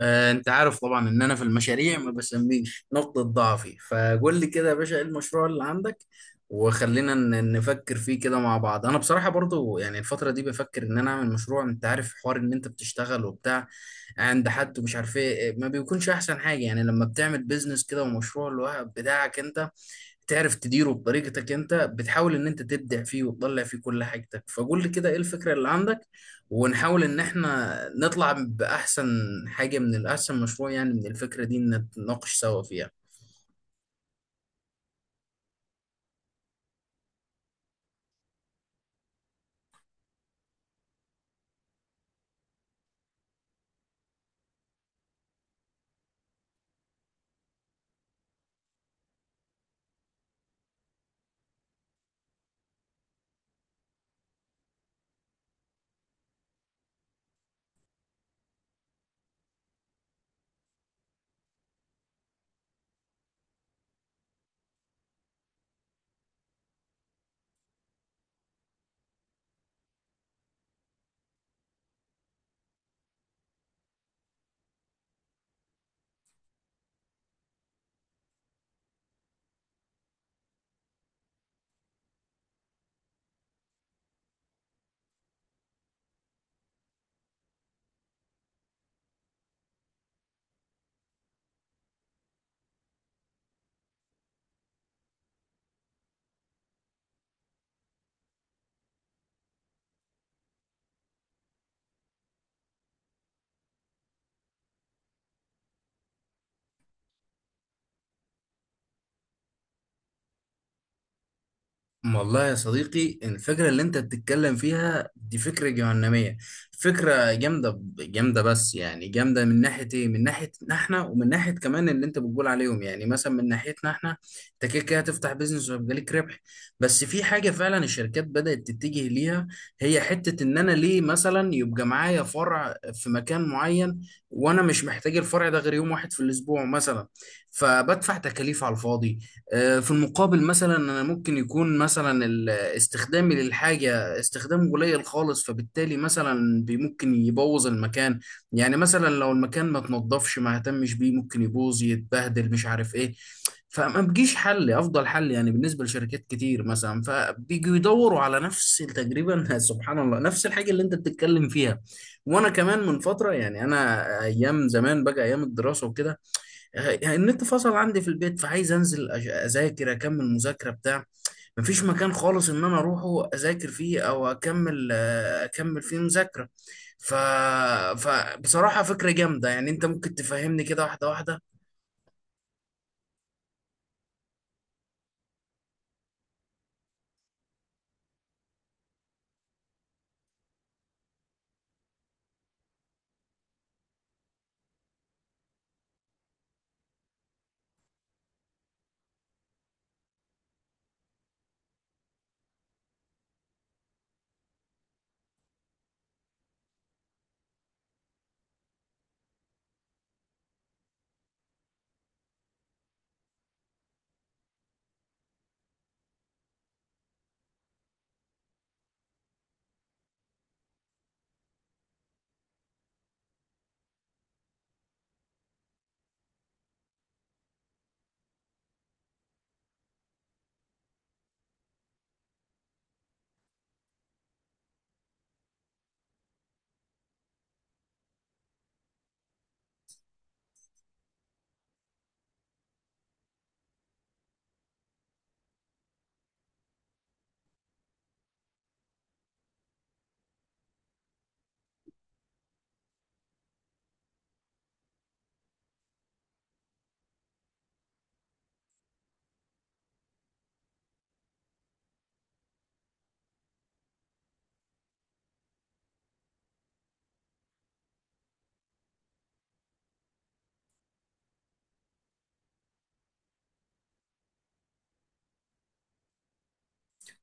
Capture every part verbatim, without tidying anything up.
آه، انت عارف طبعا ان انا في المشاريع ما بسميش نقطة ضعفي، فقول لي كده يا باشا، ايه المشروع اللي عندك؟ وخلينا ن- نفكر فيه كده مع بعض. انا بصراحة برضو يعني الفترة دي بفكر ان انا اعمل مشروع. انت عارف حوار ان انت بتشتغل وبتاع عند حد ومش عارف ايه، ما بيكونش احسن حاجة يعني لما بتعمل بيزنس كده ومشروع لوحدك بتاعك انت تعرف تديره بطريقتك، انت بتحاول ان انت تبدع فيه وتطلع فيه كل حاجتك. فقول لي كده ايه الفكرة اللي عندك، ونحاول ان احنا نطلع باحسن حاجة، من الاحسن مشروع يعني من الفكرة دي نتناقش سوا فيها. والله يا صديقي، الفكرة اللي انت بتتكلم فيها دي فكرة جهنمية. فكرة جامدة جامدة، بس يعني جامدة من ناحية ايه؟ من ناحية احنا ومن ناحية كمان اللي انت بتقول عليهم. يعني مثلا من ناحيتنا احنا، انت كده كده هتفتح بيزنس وهيبقى ليك ربح. بس في حاجة فعلا الشركات بدأت تتجه ليها، هي حتة ان انا ليه مثلا يبقى معايا فرع في مكان معين وانا مش محتاج الفرع ده غير يوم واحد في الاسبوع مثلا، فبدفع تكاليف على الفاضي. آه، في المقابل مثلا انا ممكن يكون مثلا ال- استخدامي للحاجه استخدام قليل خالص، فبالتالي مثلا بي- ممكن يبوظ المكان. يعني مثلا لو المكان ما تنضفش ما اهتمش بيه ممكن يبوظ يتبهدل مش عارف ايه، فما بيجيش حل افضل حل يعني بالنسبه لشركات كتير مثلا، فبيجوا يدوروا على نفس تقريبا سبحان الله نفس الحاجه اللي انت بتتكلم فيها. وانا كمان من فتره، يعني انا ايام زمان بقى، ايام الدراسه وكده، يعني النت فصل عندي في البيت فعايز انزل أج- اذاكر اكمل مذاكره بتاع، مفيش مكان خالص ان انا اروحه اذاكر فيه او اكمل آه، اكمل فيه مذاكره. ف... فبصراحه فكره جامده. يعني انت ممكن تفهمني كده واحده واحده؟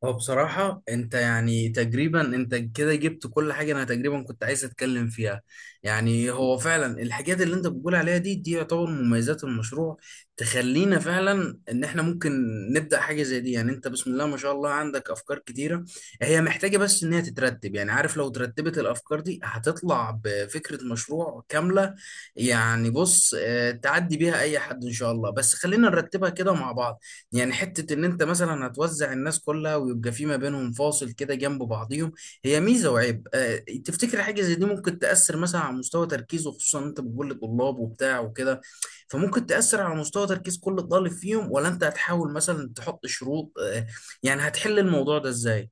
هو بصراحة انت يعني تقريبا انت كده جبت كل حاجة انا تقريبا كنت عايز اتكلم فيها. يعني هو فعلا الحاجات اللي انت بتقول عليها دي دي يعتبر مميزات المشروع، تخلينا فعلا ان احنا ممكن نبدأ حاجة زي دي. يعني انت بسم الله ما شاء الله عندك افكار كتيرة، هي محتاجة بس ان هي تترتب. يعني عارف، لو ترتبت الافكار دي هتطلع بفكرة مشروع كاملة. يعني بص، اه، تعدي بيها اي حد ان شاء الله، بس خلينا نرتبها كده مع بعض. يعني حتة ان انت مثلا هتوزع الناس كلها ويبقى في ما بينهم فاصل كده جنب بعضيهم، هي ميزة وعيب. آه، تفتكر حاجة زي دي ممكن تأثر مثلا على مستوى تركيزه، خصوصا انت بتقول لطلاب وبتاع وكده؟ فممكن تأثر على مستوى تركيز كل طالب فيهم، ولا انت هتحاول مثلا تحط شروط؟ آه، يعني هتحل الموضوع ده ازاي؟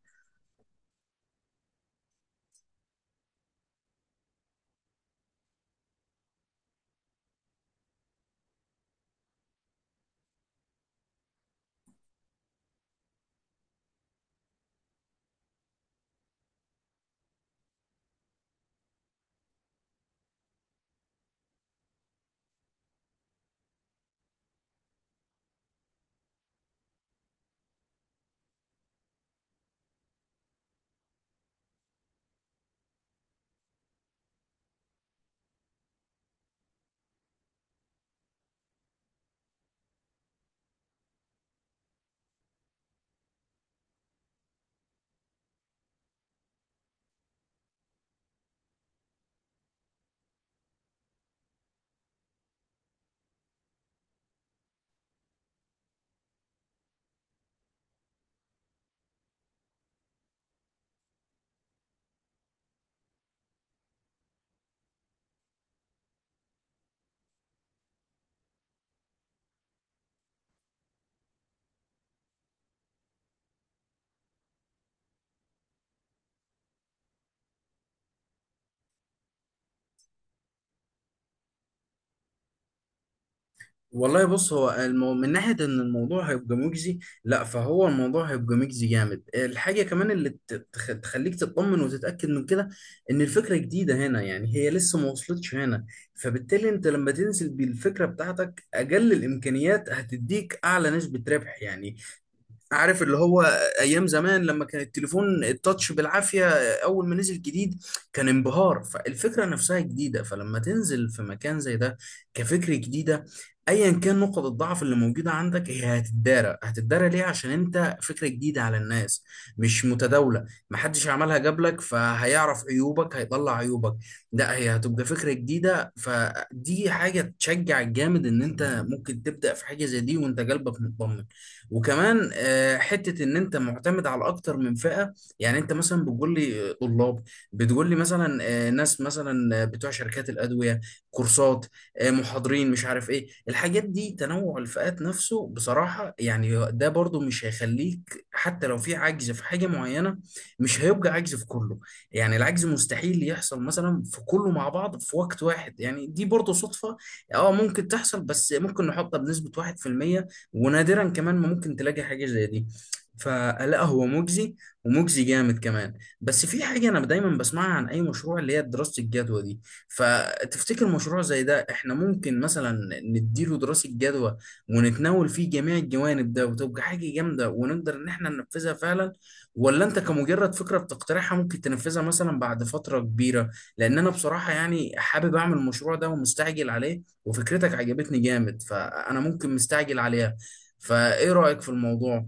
والله بص، هو المو... من ناحية إن الموضوع هيبقى مجزي، لا فهو الموضوع هيبقى مجزي جامد. الحاجة كمان اللي ت- تخ... تخليك تطمن وتتأكد من كده، إن الفكرة جديدة هنا، يعني هي لسه ما وصلتش هنا. فبالتالي أنت لما تنزل بالفكرة بتاعتك أقل الإمكانيات هتديك أعلى نسبة ربح. يعني عارف اللي هو، ايام زمان لما كان التليفون التاتش بالعافيه، اول ما نزل جديد كان انبهار، فالفكره نفسها جديده. فلما تنزل في مكان زي ده كفكره جديده، ايا كان نقط الضعف اللي موجوده عندك هي هتتدارى. هتتدارى ليه؟ عشان انت فكره جديده على الناس، مش متداوله، محدش عملها قبلك فهيعرف عيوبك، هيطلع عيوبك. لا، هي هتبقى فكره جديده، فدي حاجه تشجع جامد ان انت ممكن تبدا في حاجه زي دي وانت قلبك مطمن. وكمان آه، حته ان انت معتمد على اكتر من فئه. يعني انت مثلا بتقول لي آه، طلاب، بتقول لي مثلا آه، ناس، مثلا آه، بتوع شركات الادويه، كورسات، آه، محاضرين، مش عارف ايه الحاجات دي. تنوع الفئات نفسه بصراحه، يعني ده برضو مش هيخليك، حتى لو في عجز في حاجه معينه مش هيبقى عجز في كله. يعني العجز مستحيل يحصل مثلا في كله مع بعض في وقت واحد، يعني دي برضو صدفه. اه ممكن تحصل، بس ممكن نحطها بنسبه واحد في المية، ونادرا كمان ما ممكن تلاقي حاجة زي دي. فلا هو مجزي، ومجزي جامد كمان. بس في حاجة أنا دايما بسمعها عن أي مشروع، اللي هي دراسة الجدوى دي. فتفتكر مشروع زي ده إحنا ممكن مثلا نديله دراسة جدوى ونتناول فيه جميع الجوانب ده وتبقى حاجة جامدة ونقدر إن إحنا ننفذها فعلا؟ ولا أنت كمجرد فكرة بتقترحها ممكن تنفذها مثلا بعد فترة كبيرة؟ لأن أنا بصراحة يعني حابب أعمل المشروع ده ومستعجل عليه، وفكرتك عجبتني جامد، فأنا ممكن مستعجل عليها. فايه رأيك في الموضوع؟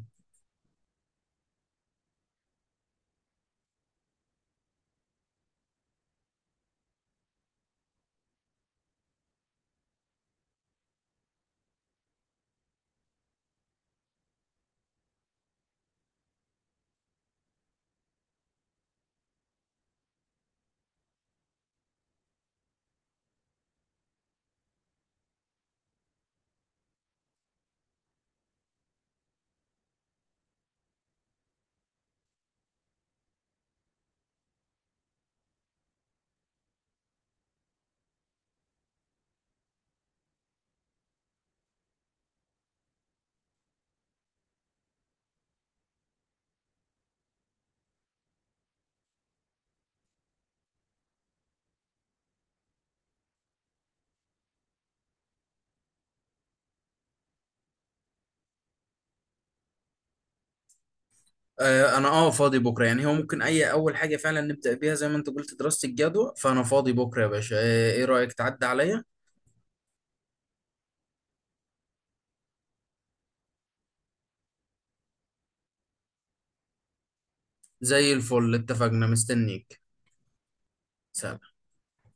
آه، انا اه فاضي بكره. يعني هو ممكن اي اول حاجه فعلا نبدأ بيها زي ما انت قلت دراسة الجدوى، فانا فاضي بكره يا باشا. آه ايه رأيك تعدي عليا؟ زي الفل، اتفقنا، مستنيك. سلام.